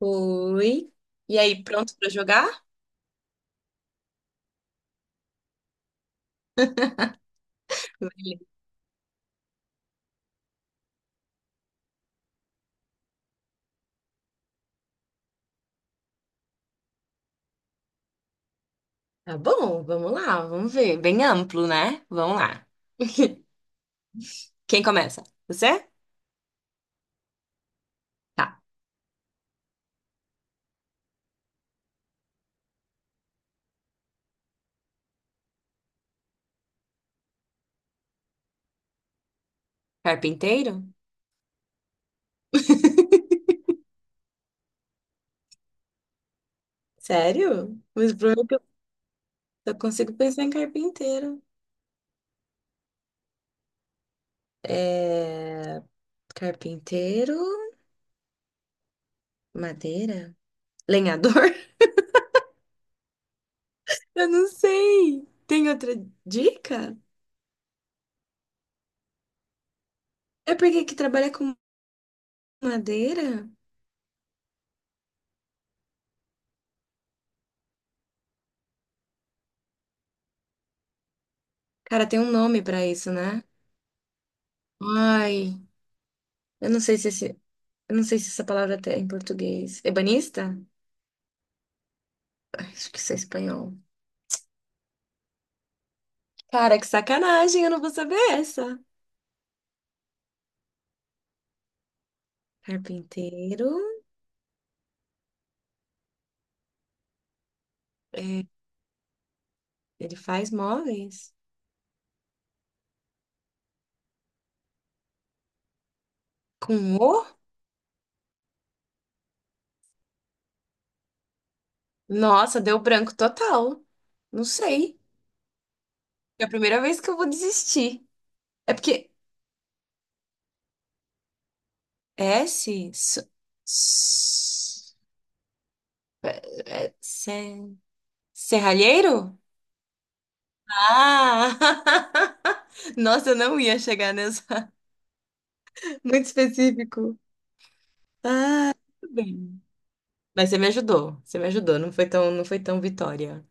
Oi. E aí, pronto pra jogar? Beleza. Tá bom, vamos lá, vamos ver. Bem amplo, né? Vamos lá. Quem começa? Você? Tá. Carpinteiro? Sério? Mas o problema é que eu só consigo pensar em carpinteiro. É... Carpinteiro, madeira, lenhador? Eu não sei. Tem outra dica? É porque que trabalha com madeira? Cara, tem um nome pra isso, né? Ai, eu não sei se esse... Eu não sei se essa palavra até é em português. Ebanista? Acho que isso é espanhol. Cara, que sacanagem, eu não vou saber essa. Carpinteiro, é, ele faz móveis. Com o? Nossa, deu branco total. Não sei. É a primeira vez que eu vou desistir. É porque S, s, s- é, é, se- serralheiro? Ah! Nossa, eu não ia chegar nessa. Muito específico. Tudo bem. Mas você me ajudou. Você me ajudou. Não foi tão vitória.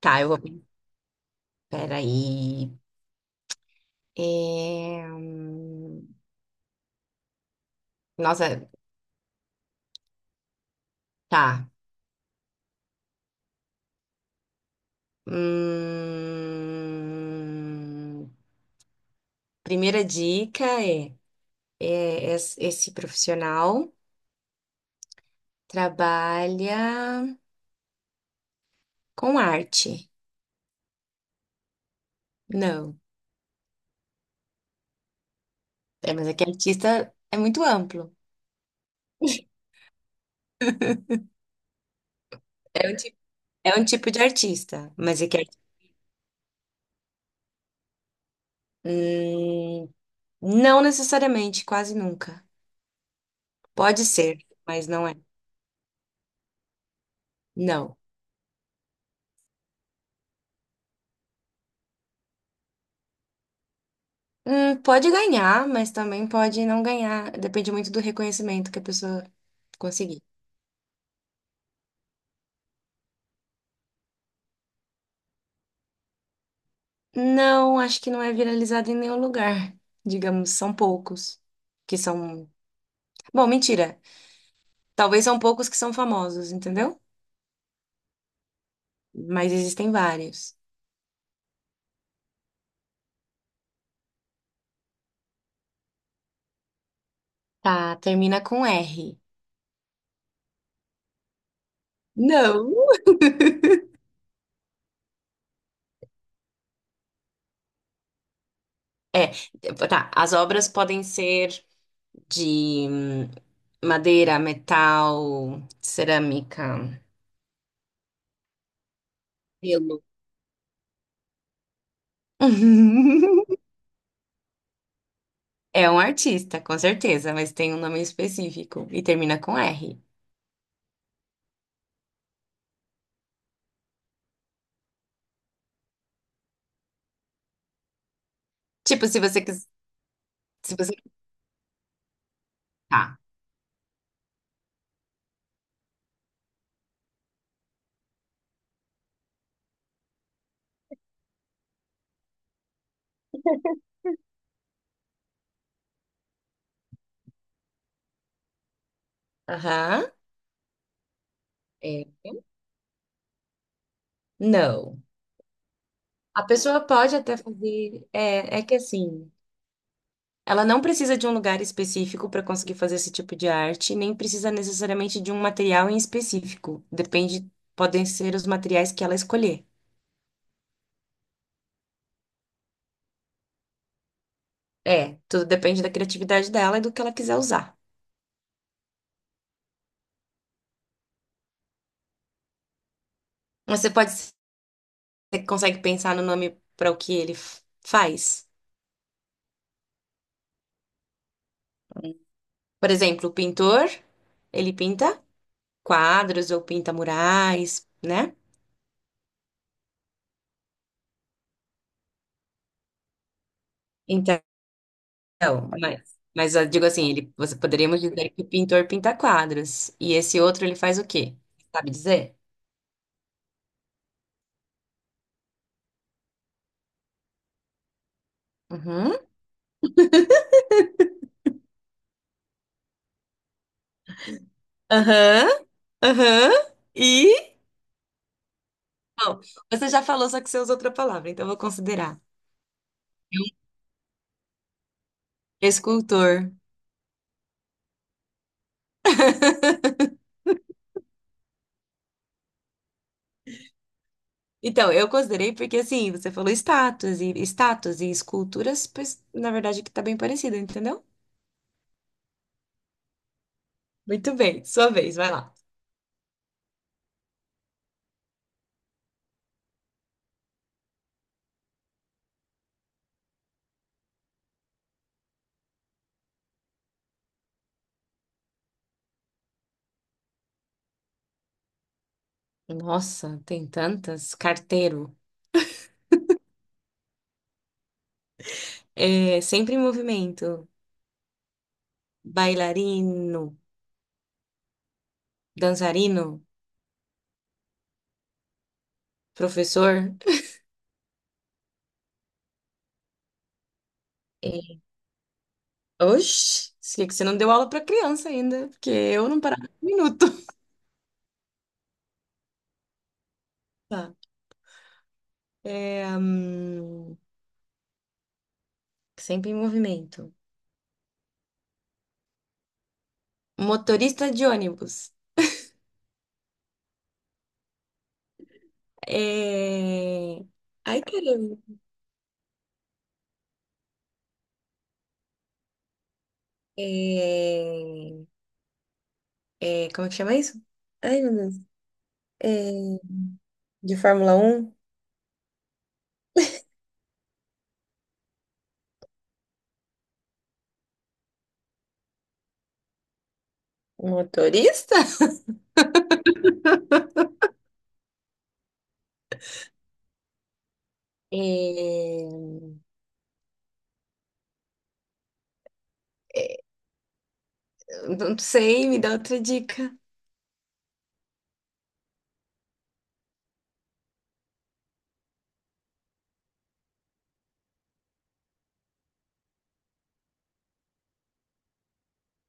Tá, eu vou. Peraí. É... hum, Nossa, tá. Hum, Primeira dica é, esse profissional trabalha com arte. Não. É, mas é que artista é muito amplo. É um, ti- É um tipo de artista, mas é que. Hum, não necessariamente, quase nunca. Pode ser, mas não é. Não. Pode ganhar, mas também pode não ganhar. Depende muito do reconhecimento que a pessoa conseguir. Não, acho que não é viralizado em nenhum lugar. Digamos, são poucos que são. Bom, mentira. Talvez são poucos que são famosos, entendeu? Mas existem vários. Tá, termina com R. Não. É, tá. As obras podem ser de madeira, metal, cerâmica. Pelo. É um artista, com certeza, mas tem um nome específico e termina com R. Tipo, se você quiser. Se você. Tá. Aham. É. Não. A pessoa pode até fazer. É que assim. Ela não precisa de um lugar específico para conseguir fazer esse tipo de arte, nem precisa necessariamente de um material em específico. Depende. Podem ser os materiais que ela escolher. É, tudo depende da criatividade dela e do que ela quiser usar. Você pode Você consegue pensar no nome para o que ele faz? Por exemplo, o pintor, ele pinta quadros ou pinta murais, né? Então, mas eu digo assim, você poderíamos dizer que o pintor pinta quadros. E esse outro, ele faz o quê? Sabe dizer? Uhum. Aham. Aham. E? Bom, você já falou, só que você usou outra palavra, então eu vou considerar. É um escultor. Então, eu considerei porque, assim, você falou estátuas e esculturas, pois, na verdade, que tá bem parecido, entendeu? Muito bem, sua vez, vai lá. Nossa, tem tantas. Carteiro. É, sempre em movimento. Bailarino. Dançarino. Professor. É, oxi, sei que você não deu aula pra criança ainda, porque eu não parava um minuto. Tá. É, hum, sempre em movimento. Motorista de ônibus. É... Ai, caramba. É, como é que chama isso? Ai, meu Deus. É, de Fórmula 1, um motorista? É, é, não sei, me dá outra dica.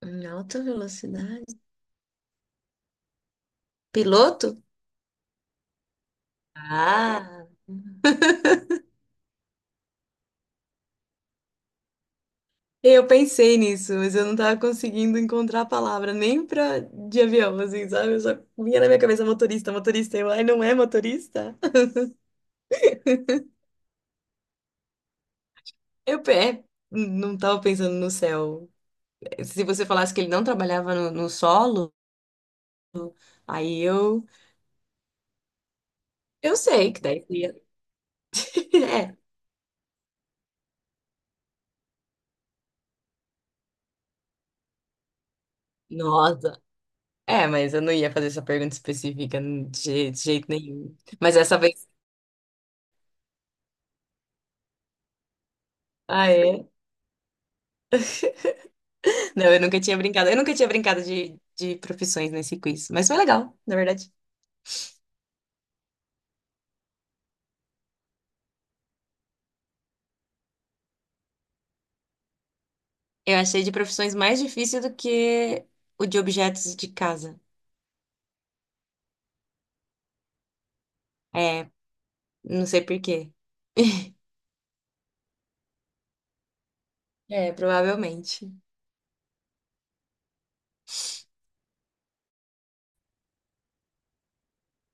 Em alta velocidade? Piloto? Ah! Eu pensei nisso, mas eu não tava conseguindo encontrar a palavra nem pra de avião, assim, sabe? Eu só vinha na minha cabeça motorista, motorista. Ai, não é motorista? Eu pe- é, não tava pensando no céu. Se você falasse que ele não trabalhava no solo, aí eu sei que daí você ia. É, nossa. É, mas eu não ia fazer essa pergunta específica de jeito nenhum. Mas essa vez. Ah, é? Não, eu nunca tinha brincado. Eu nunca tinha brincado de profissões nesse quiz. Mas foi legal, na verdade. Eu achei de profissões mais difícil do que o de objetos de casa. É, não sei por quê. É, provavelmente.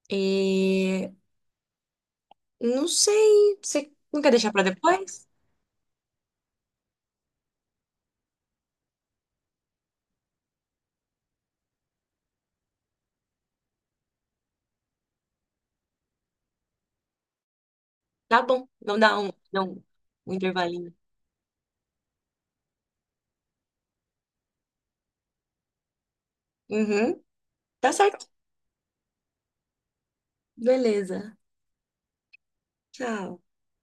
E não sei. Você não quer deixar pra depois? Tá bom. Vamos dar um intervalinho. Uhum. Tá certo. Beleza. Tchau.